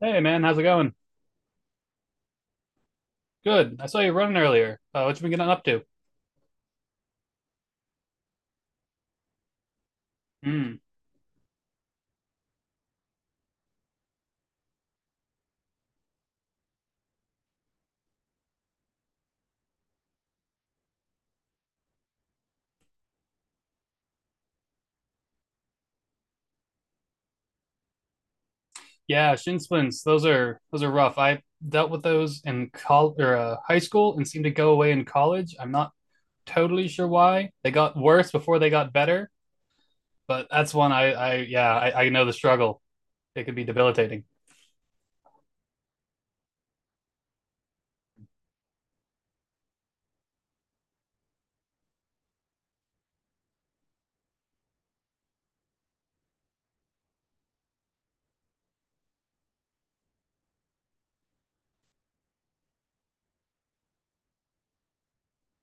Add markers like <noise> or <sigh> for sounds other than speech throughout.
Hey man, how's it going? Good. I saw you running earlier. What you been getting up to? Mm. Yeah, shin splints. Those are rough. I dealt with those in col or high school, and seemed to go away in college. I'm not totally sure why. They got worse before they got better, but that's one I know the struggle. It could be debilitating.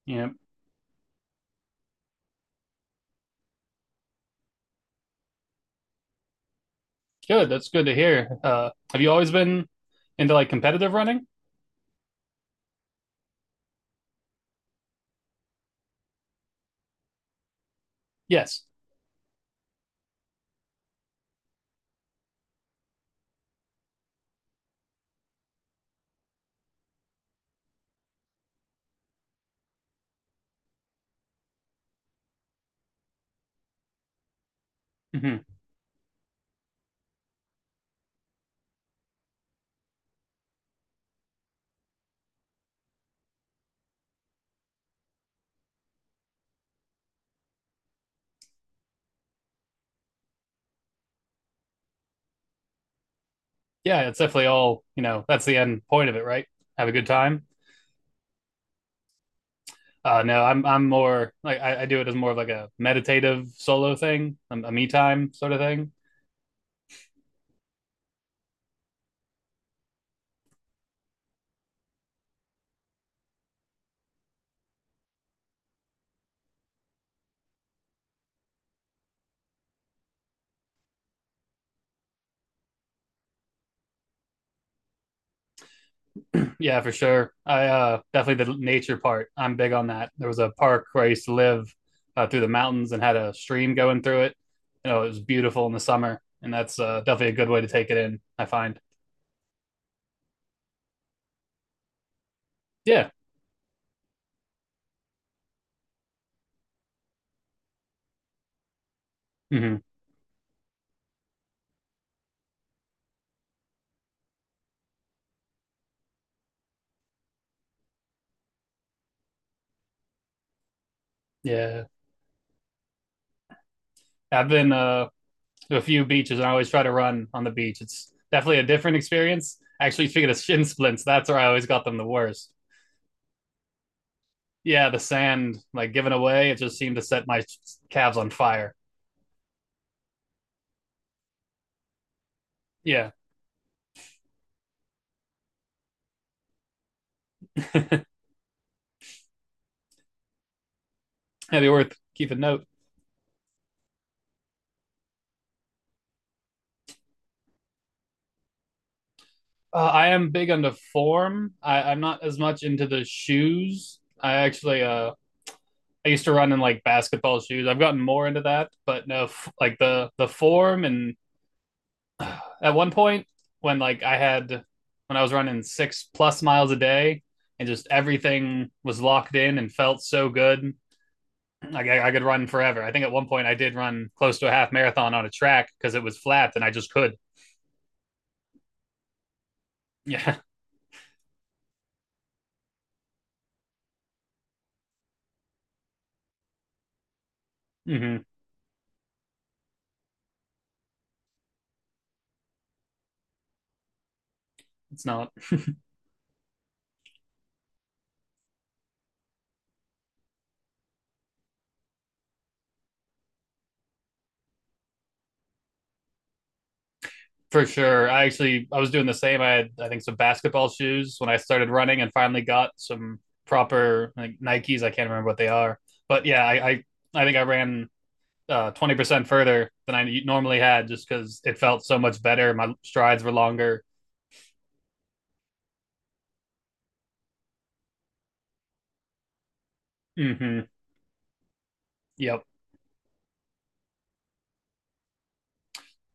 Yeah, good. That's good to hear. Have you always been into like competitive running? Yes. Hmm. Yeah, it's definitely all. That's the end point of it, right? Have a good time. No, I'm more like I do it as more of like a meditative solo thing, a me time sort of thing. <clears throat> Yeah, for sure. I definitely the nature part. I'm big on that. There was a park where I used to live through the mountains and had a stream going through it. You know, it was beautiful in the summer, and that's definitely a good way to take it in, I find. Yeah. Hmm. Yeah. I've been to a few beaches, and I always try to run on the beach. It's definitely a different experience. Actually, speaking of shin splints, that's where I always got them the worst. Yeah, the sand like given away, it just seemed to set my calves on fire. Yeah. <laughs> It'd be worth keeping note. I am big into form. I'm not as much into the shoes. I actually I used to run in like basketball shoes. I've gotten more into that, but no, like the form and <sighs> at one point when like I had when I was running 6+ miles a day, and just everything was locked in and felt so good. Like, I could run forever. I think at one point I did run close to a half marathon on a track because it was flat and I just could. <laughs> Yeah. Hmm. It's not. For sure. I actually I was doing the same. I had, I think, some basketball shoes when I started running, and finally got some proper like Nikes. I can't remember what they are, but yeah, I think I ran 20% further than I normally had, just because it felt so much better. My strides were longer. Hmm. Yep.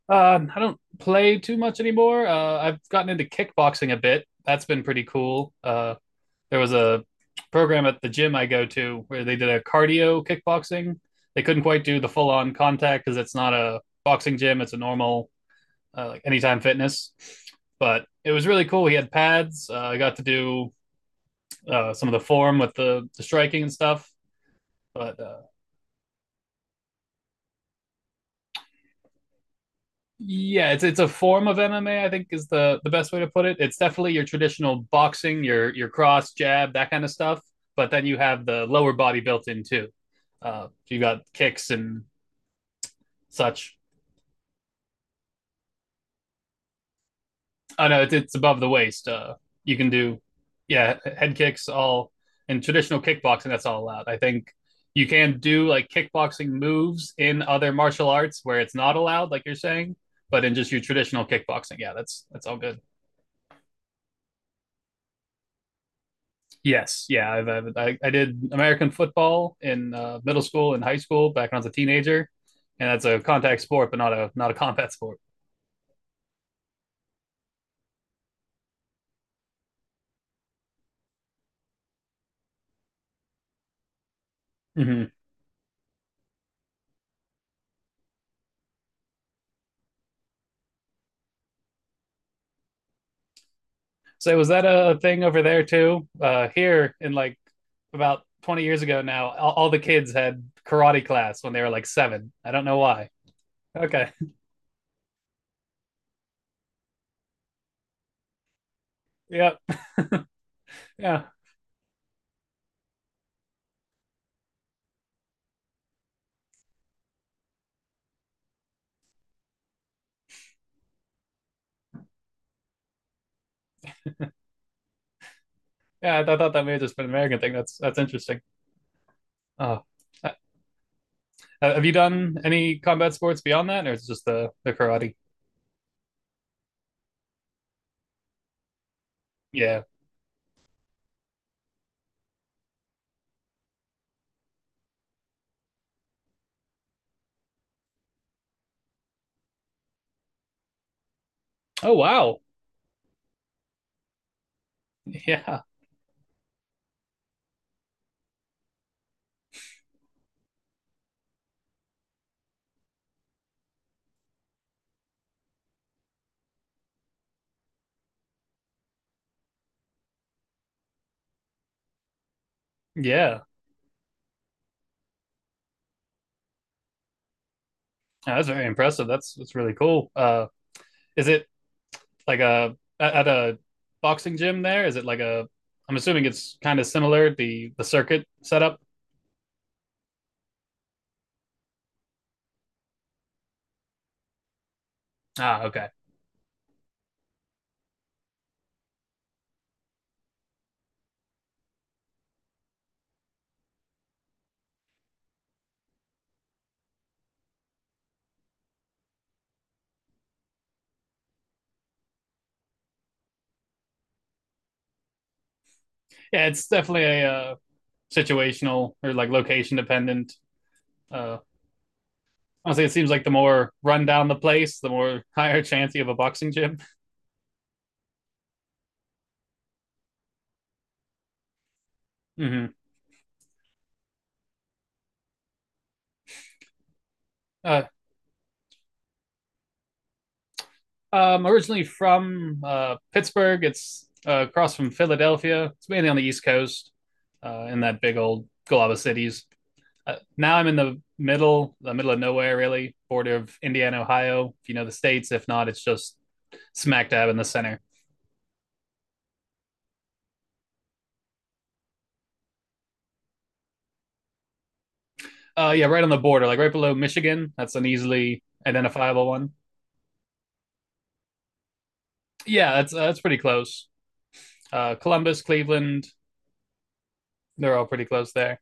I don't play too much anymore. I've gotten into kickboxing a bit. That's been pretty cool. There was a program at the gym I go to where they did a cardio kickboxing. They couldn't quite do the full on contact because it's not a boxing gym. It's a normal like Anytime Fitness, but it was really cool. He had pads. I got to do some of the form with the striking and stuff. But Yeah, it's a form of MMA, I think, is the best way to put it. It's definitely your traditional boxing, your cross jab, that kind of stuff. But then you have the lower body built in too. So you got kicks and such. Oh no, it's above the waist. You can do, yeah, head kicks all in traditional kickboxing. That's all allowed. I think you can do like kickboxing moves in other martial arts where it's not allowed, like you're saying. But in just your traditional kickboxing, yeah, that's all good. Yes, yeah, I did American football in middle school and high school back when I was a teenager, and that's a contact sport, but not a combat sport. Mm-hmm. So was that a thing over there too? Here in like about 20 years ago now, all the kids had karate class when they were like seven. I don't know why. Okay. <laughs> Yep, yeah, yeah. I thought that may have just been an American thing. That's interesting. Oh, Uh, have you done any combat sports beyond that, or is it just the karate? Yeah. Oh wow. <laughs> Yeah. Yeah, no, that's very impressive. That's really cool. Is it like a at a boxing gym there? Is it like a? I'm assuming it's kind of similar, the circuit setup. Ah, okay. Yeah, it's definitely a situational or like location dependent Uh, Honestly, it seems like the more run down the place, the more <laughs> higher chance you have a boxing gym. <laughs> Hmm. Uh, I'm originally from Pittsburgh. It's across from Philadelphia. It's mainly on the East Coast, in that big old glob of cities. Now I'm in the middle of nowhere, really, border of Indiana, Ohio. If you know the states, if not, it's just smack dab in the center. Yeah, right on the border, like right below Michigan. That's an easily identifiable one. Yeah, that's pretty close. Columbus, Cleveland, they're all pretty close there.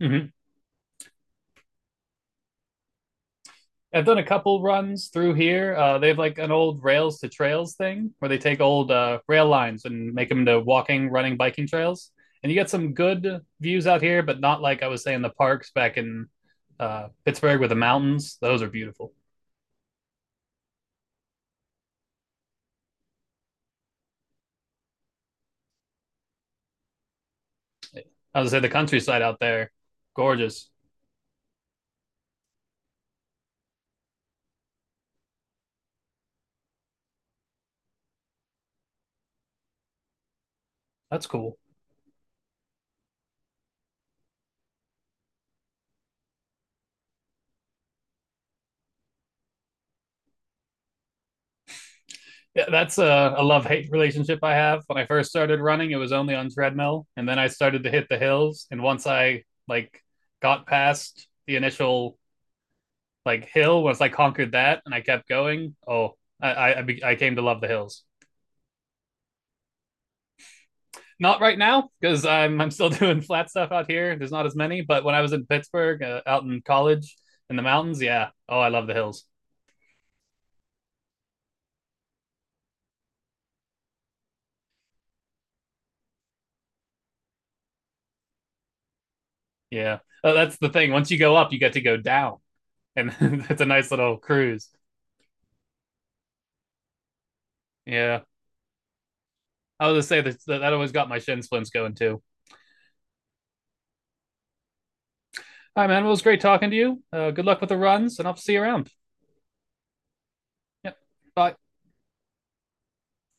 Hmm. I've done a couple runs through here. They have like an old rails to trails thing where they take old rail lines and make them into walking, running, biking trails. And you get some good views out here, but not like I was saying, the parks back in Pittsburgh with the mountains. Those are beautiful. I would say the countryside out there, gorgeous. That's cool. Yeah, that's a love hate relationship I have. When I first started running, it was only on treadmill, and then I started to hit the hills. And once I like got past the initial like hill, once I conquered that and I kept going, oh, I came to love the hills. Not right now because I'm still <laughs> doing flat stuff out here. There's not as many, but when I was in Pittsburgh, out in college in the mountains, yeah. Oh, I love the hills. Yeah. That's the thing. Once you go up, you get to go down, and <laughs> it's a nice little cruise. Yeah, I was gonna say that that always got my shin splints going too. All right, man. Well, it was great talking to you. Good luck with the runs, and I'll see you around. Yep. Bye.